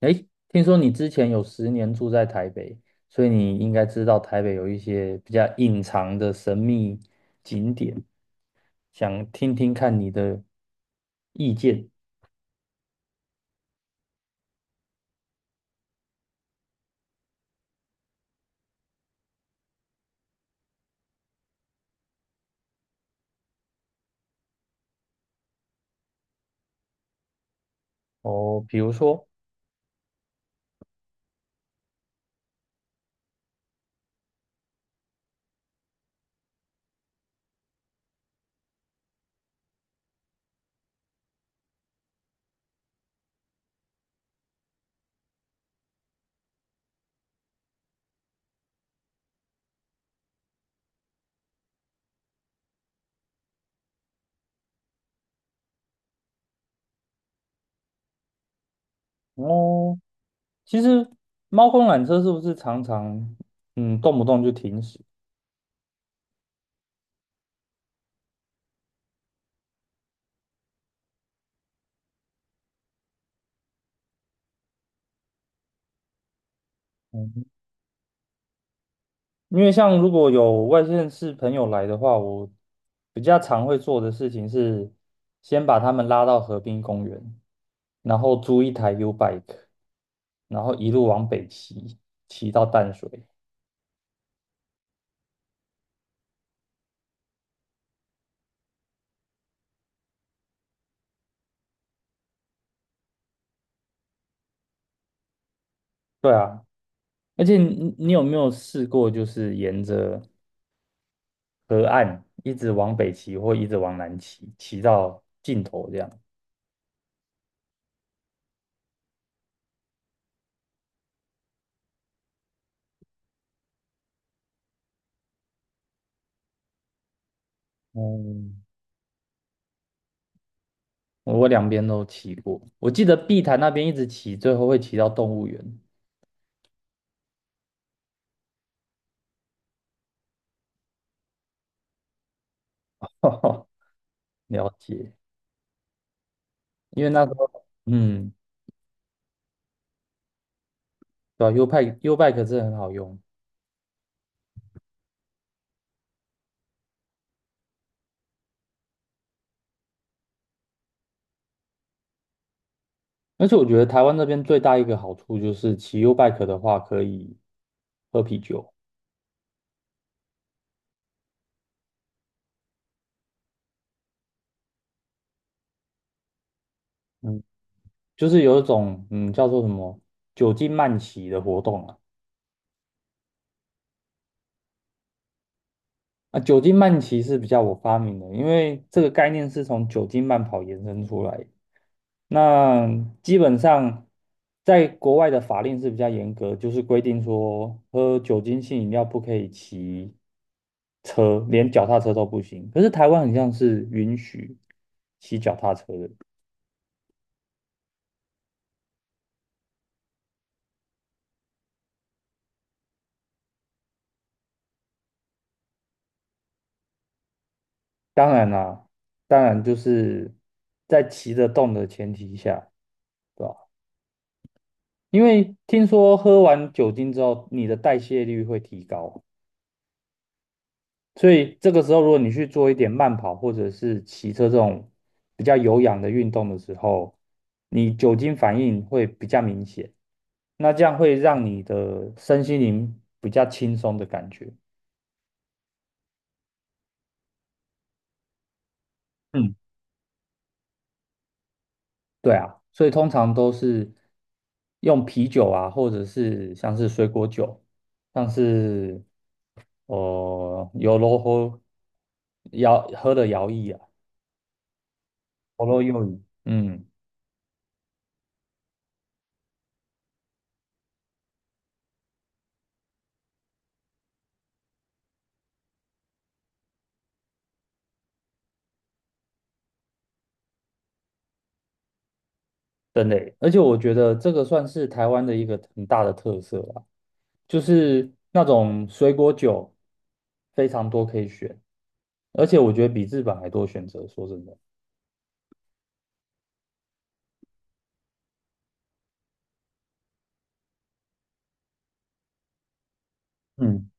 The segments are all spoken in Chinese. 哎，听说你之前有10年住在台北，所以你应该知道台北有一些比较隐藏的神秘景点，想听听看你的意见哦。比如说，哦，其实猫空缆车是不是常常动不动就停驶？嗯，因为像如果有外县市朋友来的话，我比较常会做的事情是先把他们拉到河滨公园。然后租一台 U bike，然后一路往北骑，骑到淡水。对啊，而且你有没有试过，就是沿着河岸一直往北骑，或一直往南骑，骑到尽头这样？哦，我两边都骑过。我记得碧潭那边一直骑，最后会骑到动物园。了解，因为那时候，嗯，对啊，U bike 是很好用。而且我觉得台湾这边最大一个好处就是骑 U bike 的话可以喝啤酒，嗯，就是有一种叫做什么酒精慢骑的活动啊。啊，酒精慢骑是比较我发明的，因为这个概念是从酒精慢跑延伸出来的，那基本上在国外的法令是比较严格，就是规定说喝酒精性饮料不可以骑车，连脚踏车都不行。可是台湾很像是允许骑脚踏车的。当然啦，当然就是在骑得动的前提下，对吧？因为听说喝完酒精之后，你的代谢率会提高，所以这个时候如果你去做一点慢跑或者是骑车这种比较有氧的运动的时候，你酒精反应会比较明显，那这样会让你的身心灵比较轻松的感觉。嗯。对啊，所以通常都是用啤酒啊，或者是像是水果酒，像是哦，有罗喝摇喝的摇曳啊，喉咙用语，真的耶，而且我觉得这个算是台湾的一个很大的特色啊，就是那种水果酒非常多可以选，而且我觉得比日本还多选择，说真的，嗯，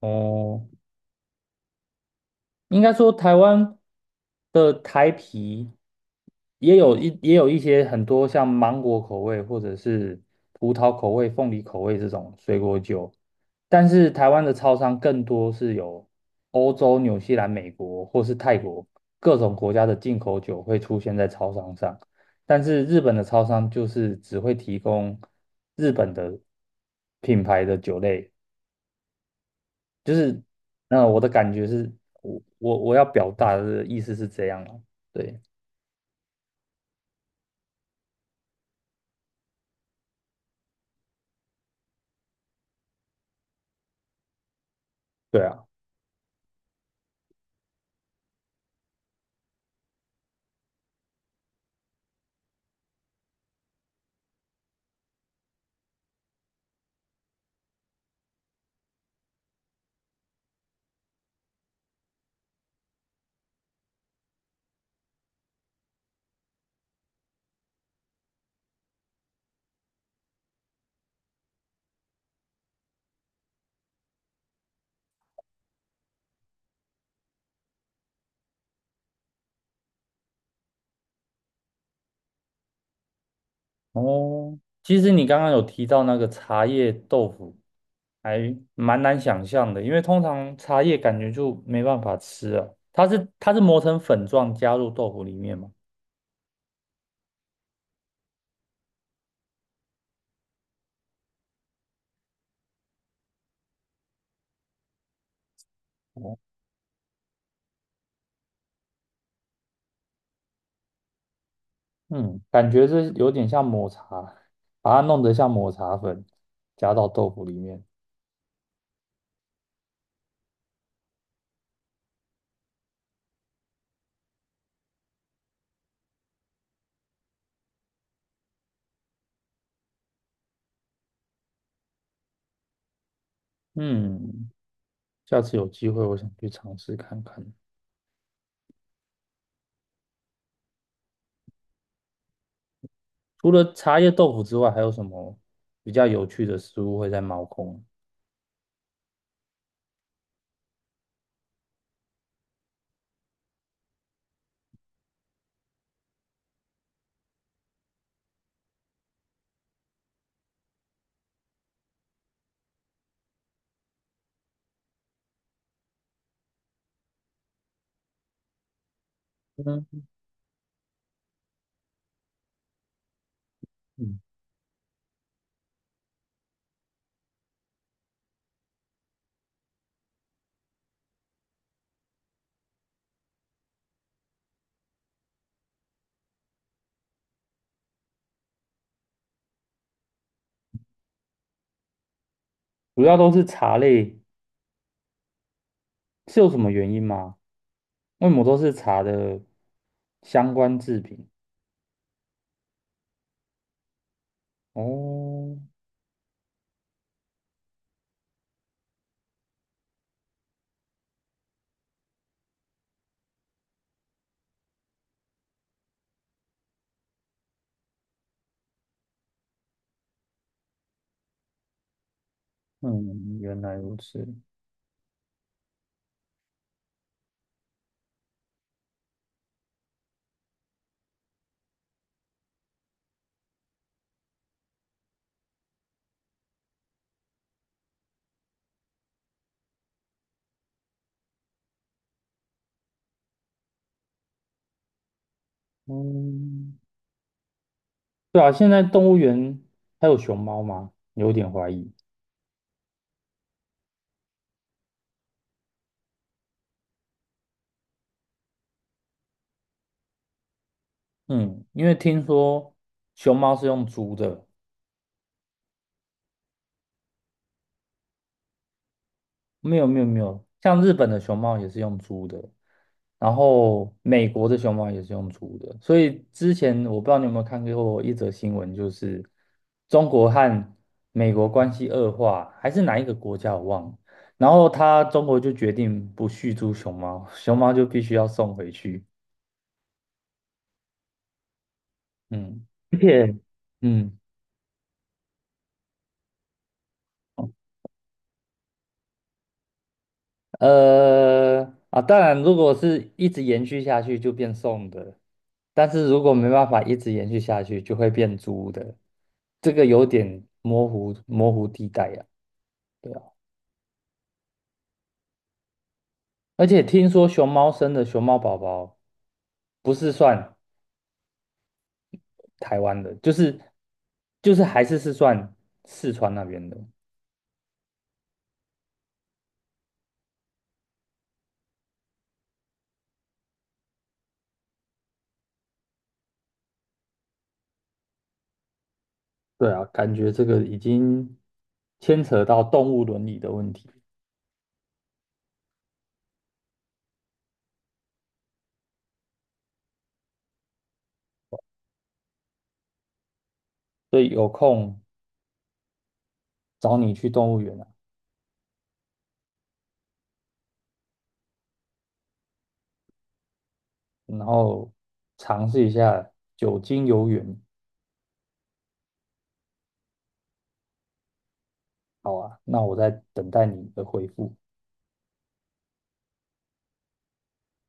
哦，应该说台湾的台啤也有一些很多像芒果口味或者是葡萄口味、凤梨口味这种水果酒，但是台湾的超商更多是有欧洲、纽西兰、美国或是泰国各种国家的进口酒会出现在超商上，但是日本的超商就是只会提供日本的品牌的酒类。就是那我的感觉是，我要表达的意思是这样啊，对对啊，哦，其实你刚刚有提到那个茶叶豆腐，还蛮难想象的，因为通常茶叶感觉就没办法吃啊，它是磨成粉状加入豆腐里面嘛，哦，嗯，感觉是有点像抹茶，把它弄得像抹茶粉加到豆腐里面，嗯，下次有机会我想去尝试看看。除了茶叶豆腐之外，还有什么比较有趣的食物会在猫空？嗯，嗯，主要都是茶类，是有什么原因吗？为什么都是茶的相关制品？哦，嗯，原来如此。嗯，对啊，现在动物园还有熊猫吗？有点怀疑。嗯，因为听说熊猫是用租的，没有没有没有，像日本的熊猫也是用租的，然后美国的熊猫也是用租的，所以之前我不知道你有没有看过一则新闻，就是中国和美国关系恶化，还是哪一个国家我忘了，然后他中国就决定不续租熊猫，熊猫就必须要送回去，嗯，而且嗯。呃，当然，如果是一直延续下去就变送的，但是如果没办法一直延续下去，就会变租的，这个有点模糊地带呀，对啊，而且听说熊猫生的熊猫宝宝不是算台湾的，就是还是算四川那边的。对啊，感觉这个已经牵扯到动物伦理的问题，所以有空找你去动物园啊。然后尝试一下酒精游泳。好啊，那我在等待你的回复。